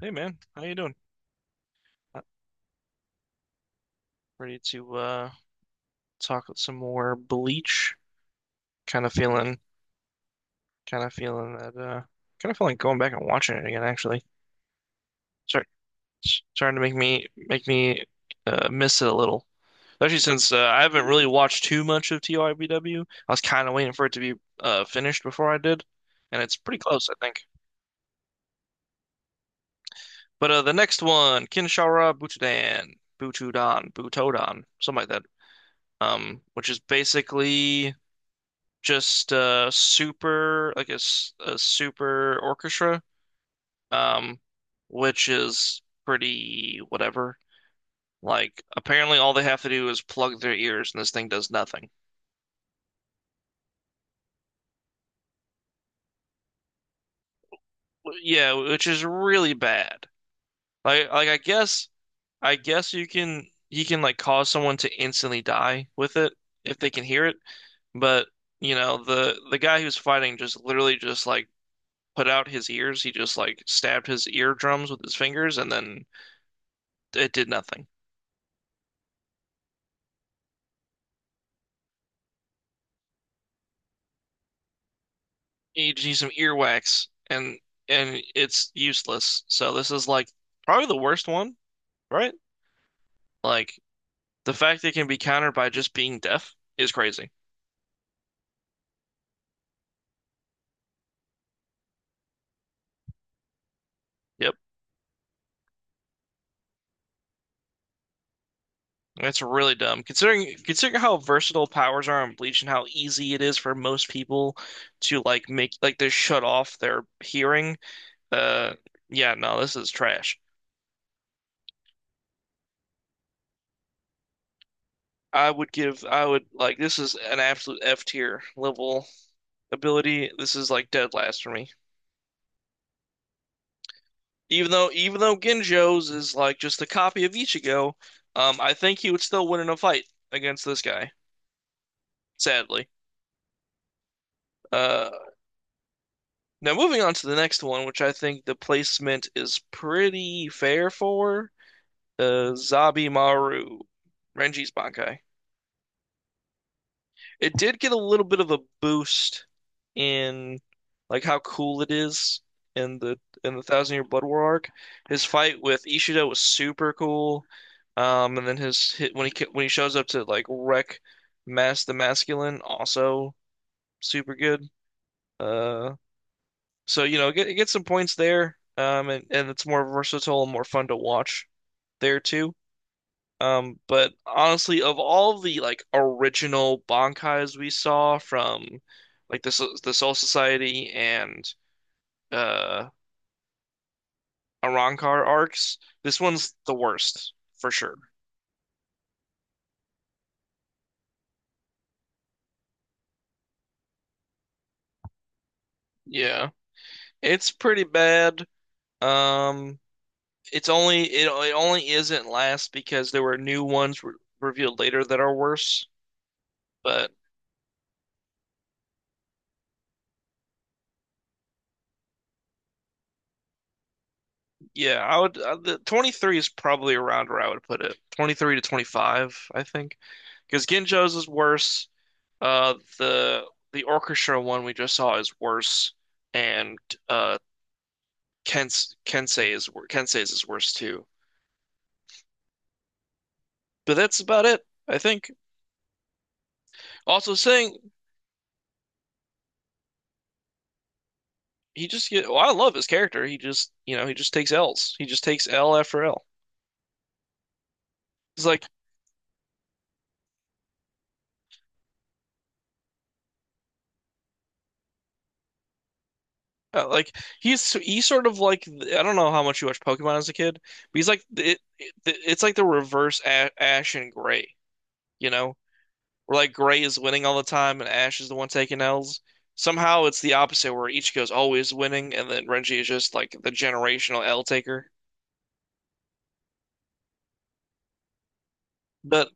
Hey man, how you doing? Uh, Ready to talk some more Bleach? Kind of feeling, kind of feeling that kind of feeling like going back and watching it again. Actually, start starting to make me make me miss it a little. Especially since I haven't really watched too much of TYBW. I was kind of waiting for it to be finished before I did, and it's pretty close, I think. But The next one, Kinshara Butodan, Butudan, Butodan, something like that. Which is basically. Just super like a super orchestra, um which is pretty whatever. Like apparently all they have to do is plug their ears and this thing does nothing. Yeah, which is really bad. Like, I guess you can like cause someone to instantly die with it if they can hear it, but you know the guy who's fighting just literally just like put out his ears, he just like stabbed his eardrums with his fingers and then it did nothing. You just need some earwax and it's useless. So this is like probably the worst one, right? Like the fact that it can be countered by just being deaf is crazy. Yep. That's really dumb. Considering how versatile powers are on Bleach and how easy it is for most people to like make like they shut off their hearing. Uh yeah, no, this is trash. I would like this is an absolute F tier level ability. This is like dead last for me. Even though Ginjo's is like just a copy of Ichigo, I think he would still win in a fight against this guy, sadly. Uh, Now moving on to the next one, which I think the placement is pretty fair for, Zabimaru, Renji's Bankai. It did get a little bit of a boost in like how cool it is in the in the Thousand Year Blood War arc. His fight with Ishida was super cool. And then his hit when he shows up to like wreck Mass the Masculine, also super good. Uh, so you know, get some points there. And it's more versatile and more fun to watch there too. But honestly, of all the like original Bankais we saw from like the Soul Society and uh Arrancar arcs, this one's the worst for sure. Yeah, it's pretty bad. Um, it only isn't last because there were new ones re revealed later that are worse. But yeah, I would the 23 is probably around where I would put it. 23 to 25, I think, because Ginjo's is worse. The orchestra one we just saw is worse, and uh, Kensei's is worse too. But that's about it, I think. Also, saying well, I love his character. He just, you know, he just takes L's. He just takes L after L. He's uh, like he's sort of like, I don't know how much you watched Pokemon as a kid, but he's it's like the reverse Ash and Gray. You know, where like Gray is winning all the time and Ash is the one taking L's. Somehow it's the opposite where Ichigo's always winning and then Renji is just like the generational L taker. But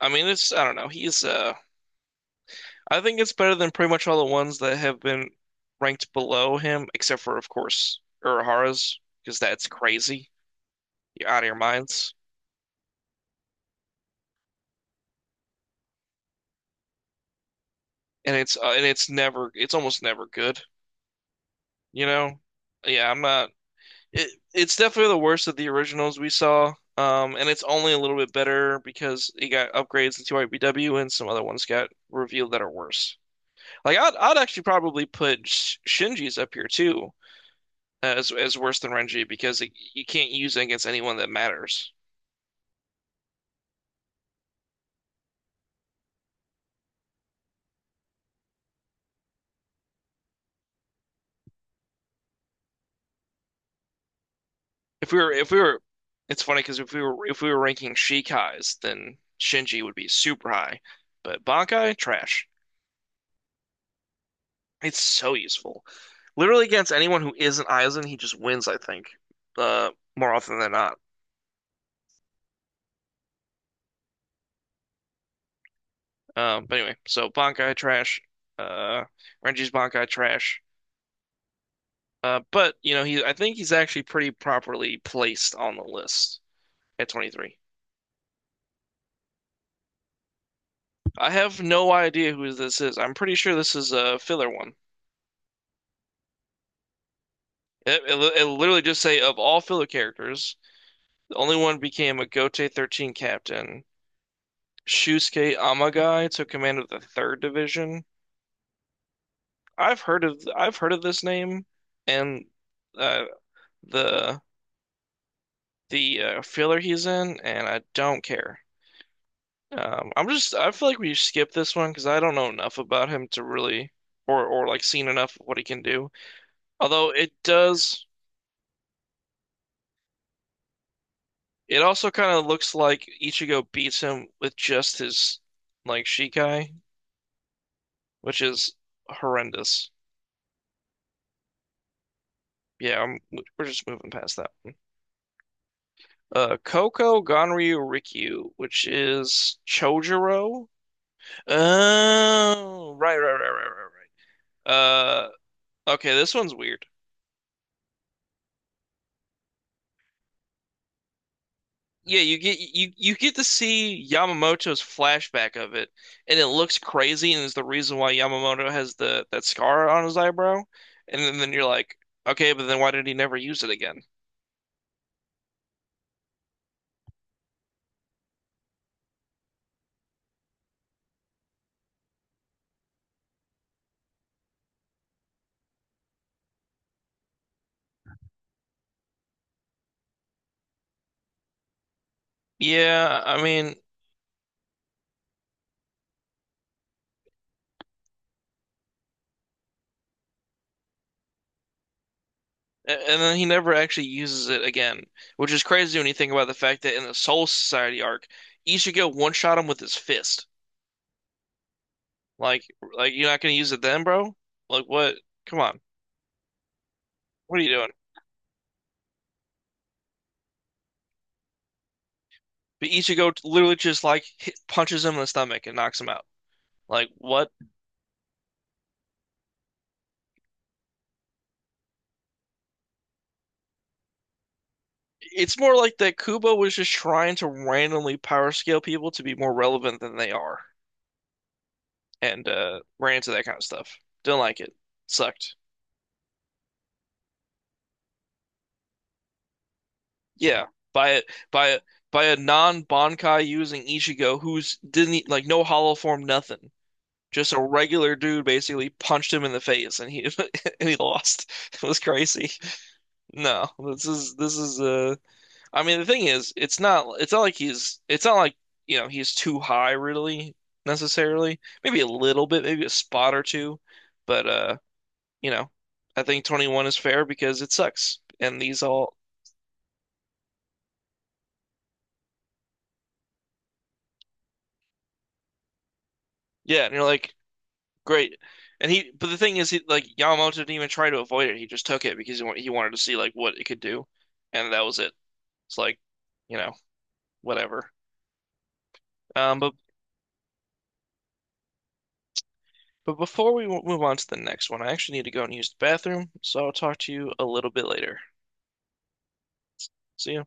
I mean it's, I don't know. He's I think it's better than pretty much all the ones that have been ranked below him, except for of course Urahara's, because that's crazy. You're out of your minds. And it's never, it's almost never good, you know? Yeah, I'm not It it's definitely the worst of the originals we saw. And it's only a little bit better because it got upgrades into IBW and some other ones got revealed that are worse. I'd actually probably put Shinji's up here too as worse than Renji because you can't use it against anyone that matters. If we were, It's funny because if we were ranking Shikai's, then Shinji would be super high, but Bankai trash. It's so useful. Literally against anyone who isn't Aizen, he just wins, I think, more often than not. But Anyway, so Bankai trash, uh, Renji's Bankai trash. But you know, he I think he's actually pretty properly placed on the list at 23. I have no idea who this is. I'm pretty sure this is a filler one. It literally just say of all filler characters, the only one became a Gote 13 captain. Shusuke Amagai took command of the third division. I've heard of this name and uh, the filler he's in, and I don't care. I'm just, I feel like we skip this one because I don't know enough about him to really or like seen enough of what he can do. Although it does, it also kind of looks like Ichigo beats him with just his like Shikai, which is horrendous. Yeah, I'm, we're just moving past that one. Koko Ganryu Rikyu, which is Chojuro. Oh, right, right, right, right, right, right. Okay, this one's weird. Yeah, you get you you get to see Yamamoto's flashback of it, and it looks crazy, and is the reason why Yamamoto has the that scar on his eyebrow. Then you're like, okay, but then why did he never use it again? Yeah, I mean, and then he never actually uses it again, which is crazy when you think about the fact that in the Soul Society arc, Ichigo one-shot him with his fist. Like, like, you're not gonna use it then, bro? Like, what? Come on, what are you doing? But Ichigo t- literally just like hit, punches him in the stomach and knocks him out. Like, what? It's more like that Kubo was just trying to randomly power scale people to be more relevant than they are, and ran into that kind of stuff. Didn't like it. Sucked. Yeah, by a by a by a non-Bankai using Ichigo, who's didn't e- like no hollow form, nothing. Just a regular dude basically punched him in the face and he and he lost. It was crazy. No, this is I mean the thing is it's not like he's it's not like, you know, he's too high really necessarily. Maybe a little bit, maybe a spot or two, but you know, I think 21 is fair because it sucks. And these all Yeah, and you're like great. And he But the thing is, he like Yamamoto didn't even try to avoid it. He just took it because he wanted to see like what it could do, and that was it. It's like, you know, whatever. Um, but but before move on to the next one, I actually need to go and use the bathroom, so I'll talk to you a little bit later. See you.